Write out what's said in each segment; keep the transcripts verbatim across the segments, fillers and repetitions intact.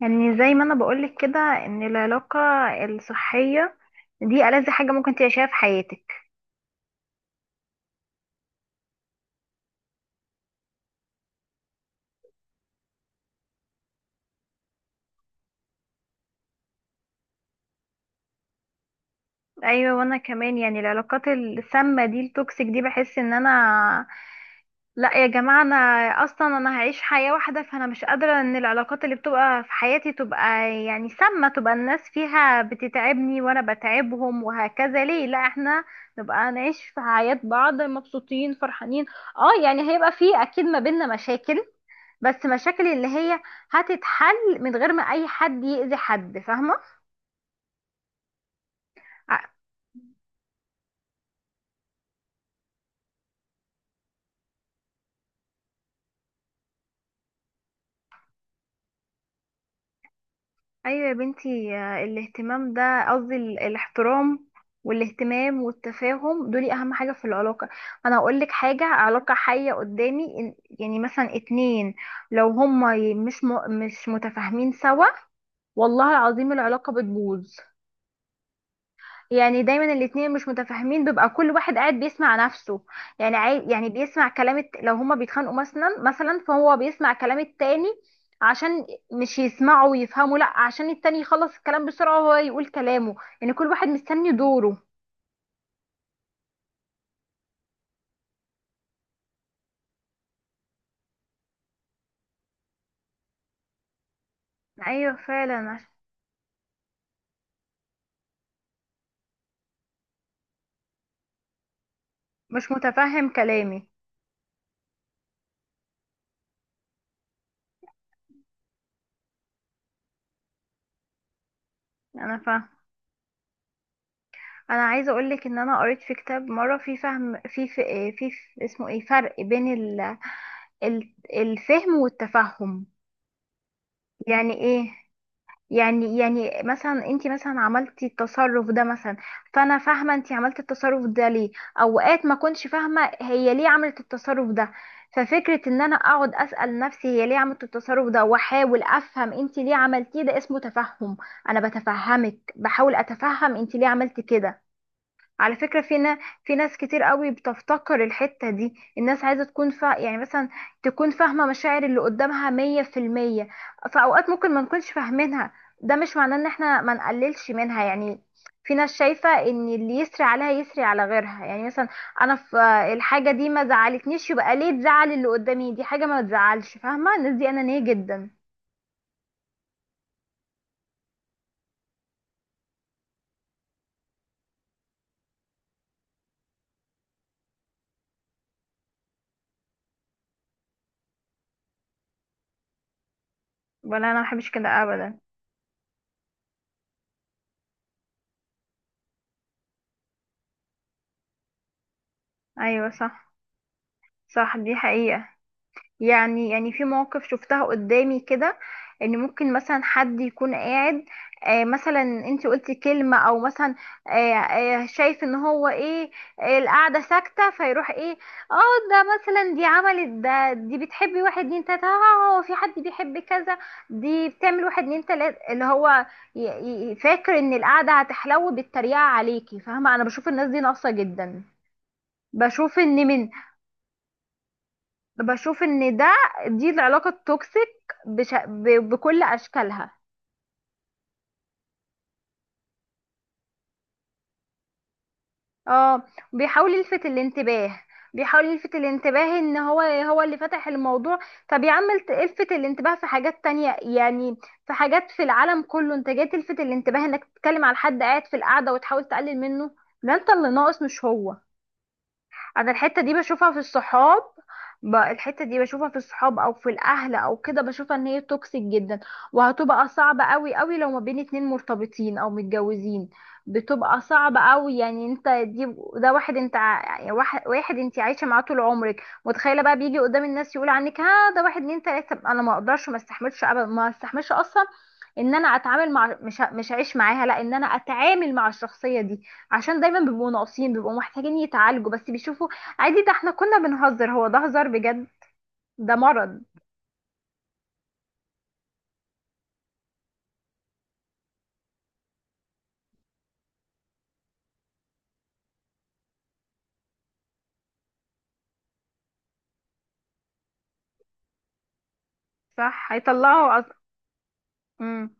يعني زي ما انا بقولك كده ان العلاقة الصحية دي ألذ حاجة ممكن تعيشها في حياتك. ايوه، وانا كمان يعني العلاقات السامة دي التوكسيك دي بحس ان انا لا يا جماعة انا اصلا انا هعيش حياة واحدة، فانا مش قادرة ان العلاقات اللي بتبقى في حياتي تبقى يعني سامة، تبقى الناس فيها بتتعبني وانا بتعبهم وهكذا. ليه لا احنا نبقى نعيش في حياة بعض مبسوطين فرحانين. اه يعني هيبقى فيه اكيد ما بيننا مشاكل، بس مشاكل اللي هي هتتحل من غير ما اي حد يأذي حد، فاهمة؟ ع- ايوه يا بنتي، آه، الاهتمام ده قصدي ال- الاحترام والاهتمام والتفاهم دول اهم حاجة في العلاقة. انا هقول لك حاجة، علاقة حية قدامي إن- يعني مثلا اتنين لو هما ي- مش م... مش متفاهمين سوا، والله العظيم العلاقة بتبوظ. يعني دايما الاتنين مش متفاهمين بيبقى كل واحد قاعد بيسمع نفسه، يعني عاي... يعني بيسمع كلام الت... لو هما بيتخانقوا مثلا مثلا فهو بيسمع كلام التاني، عشان مش يسمعوا ويفهموا، لا عشان التاني يخلص الكلام بسرعة وهو يقول كلامه، يعني كل واحد مستني دوره. ايوه فعلا عش- مش متفهم كلامي. انا فاهم، انا عايزه اقول لك ان انا قريت في كتاب مره في فهم في في, في, في اسمه ايه فرق بين ال... ال- الفهم والتفهم. يعني ايه؟ يعني يعني مثلا انت مثلا عملتي التصرف ده مثلا، فانا فاهمه انت عملتي التصرف ده ليه. اوقات ما كنتش فاهمه هي ليه عملت التصرف ده، ففكره ان انا اقعد اسال نفسي هي ليه عملت التصرف ده واحاول افهم انت ليه عملتيه ده اسمه تفهم. انا بتفهمك، بحاول اتفهم انت ليه عملتي كده. على فكرة فينا في ناس كتير قوي بتفتقر الحتة دي، الناس عايزة تكون فا يعني مثلا تكون فاهمة مشاعر اللي قدامها مية في المية. في أوقات ممكن ما نكونش فاهمينها، ده مش معناه ان احنا ما نقللش منها يعني. في ناس شايفة ان اللي يسري عليها يسري على غيرها، يعني مثلا انا في الحاجة دي ما زعلتنيش يبقى ليه تزعل اللي قدامي، دي حاجة ما تزعلش، فاهمة؟ الناس دي انانية جدا. ولا انا ما بحبش كده ابدا. ايوه صح، صح دي حقيقة. يعني يعني في مواقف شفتها قدامي كده، ان ممكن مثلا حد يكون قاعد، آه، مثلا انت قلتي كلمة او مثلا، آه، آه، شايف ان هو ايه، آه، القعدة ساكتة فيروح ايه، اه، ده مثلا دي عملت ده، دي بتحبي واحد اتنين تلاتة، اه هو في حد بيحب كذا، دي بتعمل واحد اتنين تلاتة اللي هو ي- ي- فاكر ان القعدة هتحلو بالتريقة عليكي، فاهمة؟ انا بشوف الناس دي ناقصة جدا. بشوف ان من بشوف ان ده، دي العلاقة التوكسيك بش... ب... بكل اشكالها. اه، بيحاول يلفت الانتباه، بيحاول يلفت الانتباه ان هو هو اللي فتح الموضوع. طب يا عم الت- الفت الانتباه في حاجات تانية يعني، في حاجات في العالم كله، انت جاي تلفت الانتباه انك تتكلم على حد قاعد في القعدة وتحاول تقلل منه، ده انت اللي ناقص مش هو. انا الحته دي بشوفها في الصحاب، ب- الحته دي بشوفها في الصحاب او في الاهل او كده، بشوفها ان هي توكسيك جدا، وهتبقى صعبه قوي قوي لو ما بين اتنين مرتبطين او متجوزين. بتبقى صعبه قوي، يعني انت دي ده واحد انت ع- يعني واحد واحد انت عايشه معاه طول عمرك، متخيله بقى بيجي قدام الناس يقول عنك ها ده واحد اتنين تلاته، انا ما اقدرش، ما استحملش ابدا، ما استحملش اصلا ان انا اتعامل مع مش ه- مش هعيش معاها، لا ان انا اتعامل مع الشخصيه دي، عشان دايما بيبقوا ناقصين، بيبقوا محتاجين يتعالجوا بس بيشوفوا عادي، ده احنا كنا بنهزر، هو ده هزار بجد؟ ده مرض. صح هيطلعه أص... مم.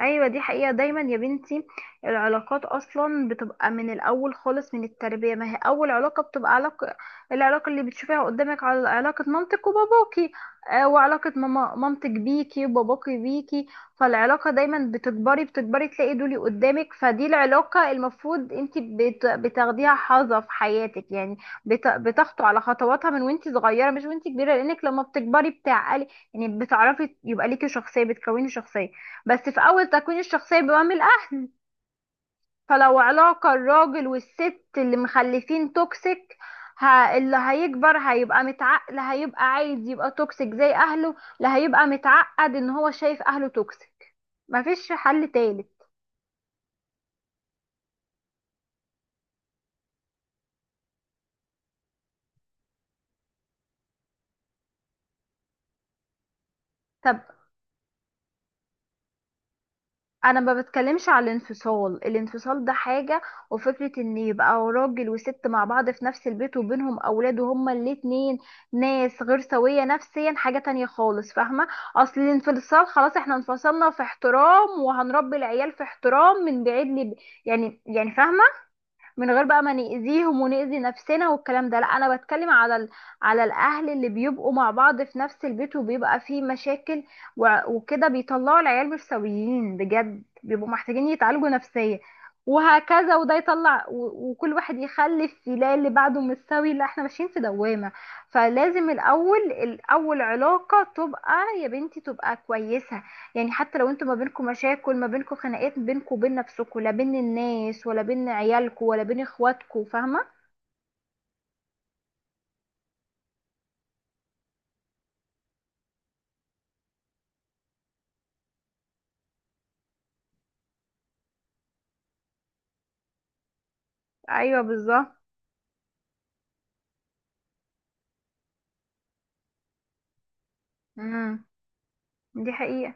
ايوه دي حقيقة، دايما يا بنتي العلاقات اصلا بتبقى من الاول خالص من التربية، ما هي اول علاقة بتبقى علاقة، العلاقة اللي بتشوفيها قدامك على علاقة مامتك وباباكي، آه، وعلاقة ماما مامتك بيكي وباباكي بيكي، فالعلاقة دايما بتكبري بتكبري تلاقي دولي قدامك، فدي العلاقة المفروض انت بت... بتاخديها حظة في حياتك، يعني بت... بتخطو على خطواتها من وانت صغيرة مش وانت كبيرة، لانك لما بتكبري بتعقلي، يعني بتعرفي يبقى ليكي شخصية بتكوني شخصية، بس في أول تكوين الشخصية بيبقى من الأهل. فلو علاقة الراجل والست اللي مخلفين توكسيك، ه... اللي هيكبر هيبقى متعقل هيبقى عايز يبقى توكسيك زي أهله، اللي هيبقى متعقد إن هو شايف أهله توكسيك، مفيش حل تالت. طب انا ما بتكلمش على الانفصال، الانفصال ده حاجة، وفكرة ان يبقى راجل وست مع بعض في نفس البيت وبينهم اولاد وهما الاتنين ناس غير سوية نفسيا حاجة تانية خالص، فاهمة؟ اصل الانفصال خلاص احنا انفصلنا في احترام وهنربي العيال في احترام من بعيد لب... يعني يعني فاهمة، من غير بقى ما نأذيهم ونأذي نفسنا والكلام ده. لا انا بتكلم على ال... على الاهل اللي بيبقوا مع بعض في نفس البيت وبيبقى فيه مشاكل و... وكده بيطلعوا العيال مش سويين بجد، بيبقوا محتاجين يتعالجوا نفسيا وهكذا، وده يطلع و... وكل واحد يخلف يلاقي اللي بعده مش سوي، لا احنا ماشيين في دوامة. فلازم الاول الاول علاقة تبقى يا بنتي تبقى كويسة، يعني حتى لو انتوا ما بينكم مشاكل، ما بينكم خناقات بينكم وبين نفسكم لا بين الناس ولا بين عيالكم ولا بين اخواتكم، فاهمة؟ ايوه بالظبط. امم، دي حقيقة.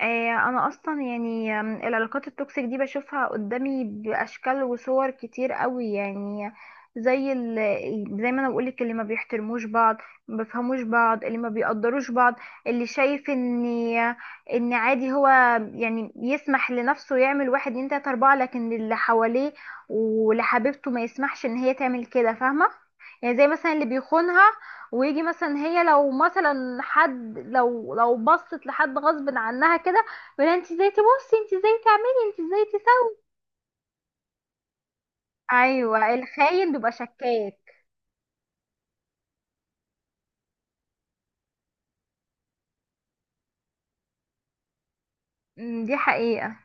آه، انا اصلا يعني آم، العلاقات التوكسيك دي بشوفها قدامي باشكال وصور كتير قوي يعني، زي ال... زي ما انا بقولك، اللي ما بيحترموش بعض، ما بيفهموش بعض، اللي ما بيقدروش بعض، اللي شايف ان ان عادي هو يعني يسمح لنفسه يعمل واحد اتنين تلاته اربعه، لكن اللي حواليه ولحبيبته ما يسمحش ان هي تعمل كده، فاهمه؟ يعني زي مثلا اللي بيخونها ويجي مثلا هي لو مثلا حد لو لو بصت لحد غصب عنها كده يقول انت ازاي تبصي، انت ازاي تعملي، انت ازاي تسوي. ايوه الخاين بيبقى شكاك. أمم، دي حقيقة.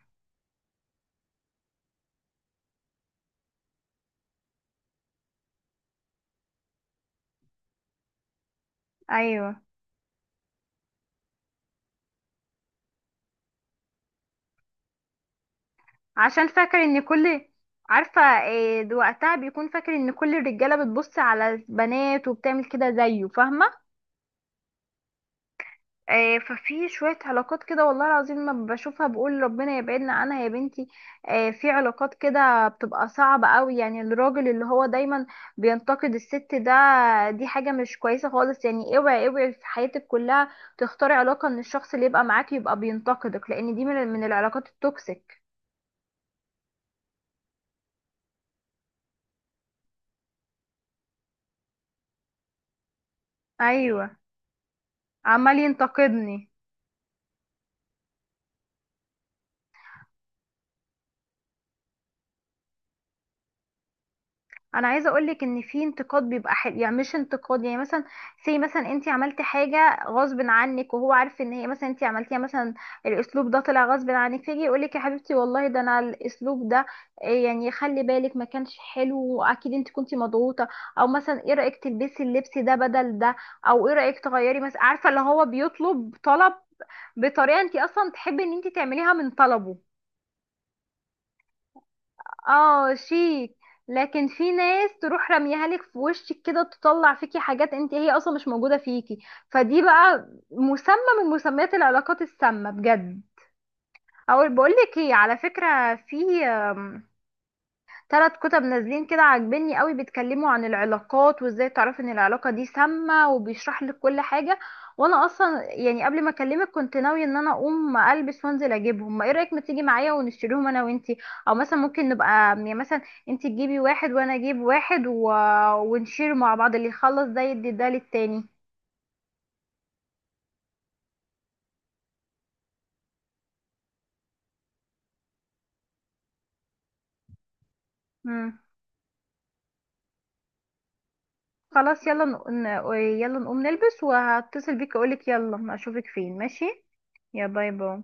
ايوه عشان فاكر ان كل، عارفة إيه، وقتها بيكون فاكر ان كل الرجالة بتبص على البنات وبتعمل كده زيه، فاهمة؟ آه، ففي شوية علاقات كده والله العظيم ما بشوفها بقول ربنا يبعدنا عنها يا بنتي. آه، في علاقات كده بتبقى صعبة قوي، يعني الراجل اللي هو دايما بينتقد الست، ده دي حاجة مش كويسة خالص، يعني اوعي اوعي في حياتك كلها تختاري علاقة ان الشخص اللي يبقى معاك يبقى بينتقدك، لان دي من من العلاقات التوكسيك. ايوه عمال ينتقدني. انا عايزه اقولك ان في انتقاد بيبقى حلو، يعني مش انتقاد يعني مثلا سي مثلا انت عملتي حاجه غصب عنك، وهو عارف ان هي مثلا انت عملتيها مثلا الاسلوب ده طلع غصب عنك، فيجي يقولك يا حبيبتي والله ده انا الاسلوب ده إيه، يعني خلي بالك ما كانش حلو واكيد انت كنتي مضغوطه، او مثلا ايه رايك تلبسي اللبس ده بدل ده، او ايه رايك تغيري مثلا، عارفه اللي هو بيطلب طلب بطريقه انت اصلا تحبي ان انت تعمليها من طلبه. اه شيك. لكن في ناس تروح رميها لك في وشك كده، تطلع فيكي حاجات انت هي اصلا مش موجودة فيكي، فدي بقى مسمى من مسميات العلاقات السامة بجد. او بقول لك ايه، على فكرة في ثلاث كتب نازلين كده عاجبني قوي بيتكلموا عن العلاقات وازاي تعرفي ان العلاقة دي سامة، وبيشرح لك كل حاجة. وانا اصلا يعني قبل ما اكلمك كنت ناوية ان انا اقوم البس وانزل اجيبهم، ما ايه رأيك ما تيجي معايا ونشتريهم انا وانتي، او مثلا ممكن نبقى يعني مثلا انتي تجيبي واحد وانا اجيب واحد و... ونشير مع بعض، اللي يخلص ده يدي ده للتاني. مم. خلاص يلا ن... ن- يلا نقوم نلبس وهتصل بيك اقولك يلا اشوفك فين، ماشي؟ يا باي باي.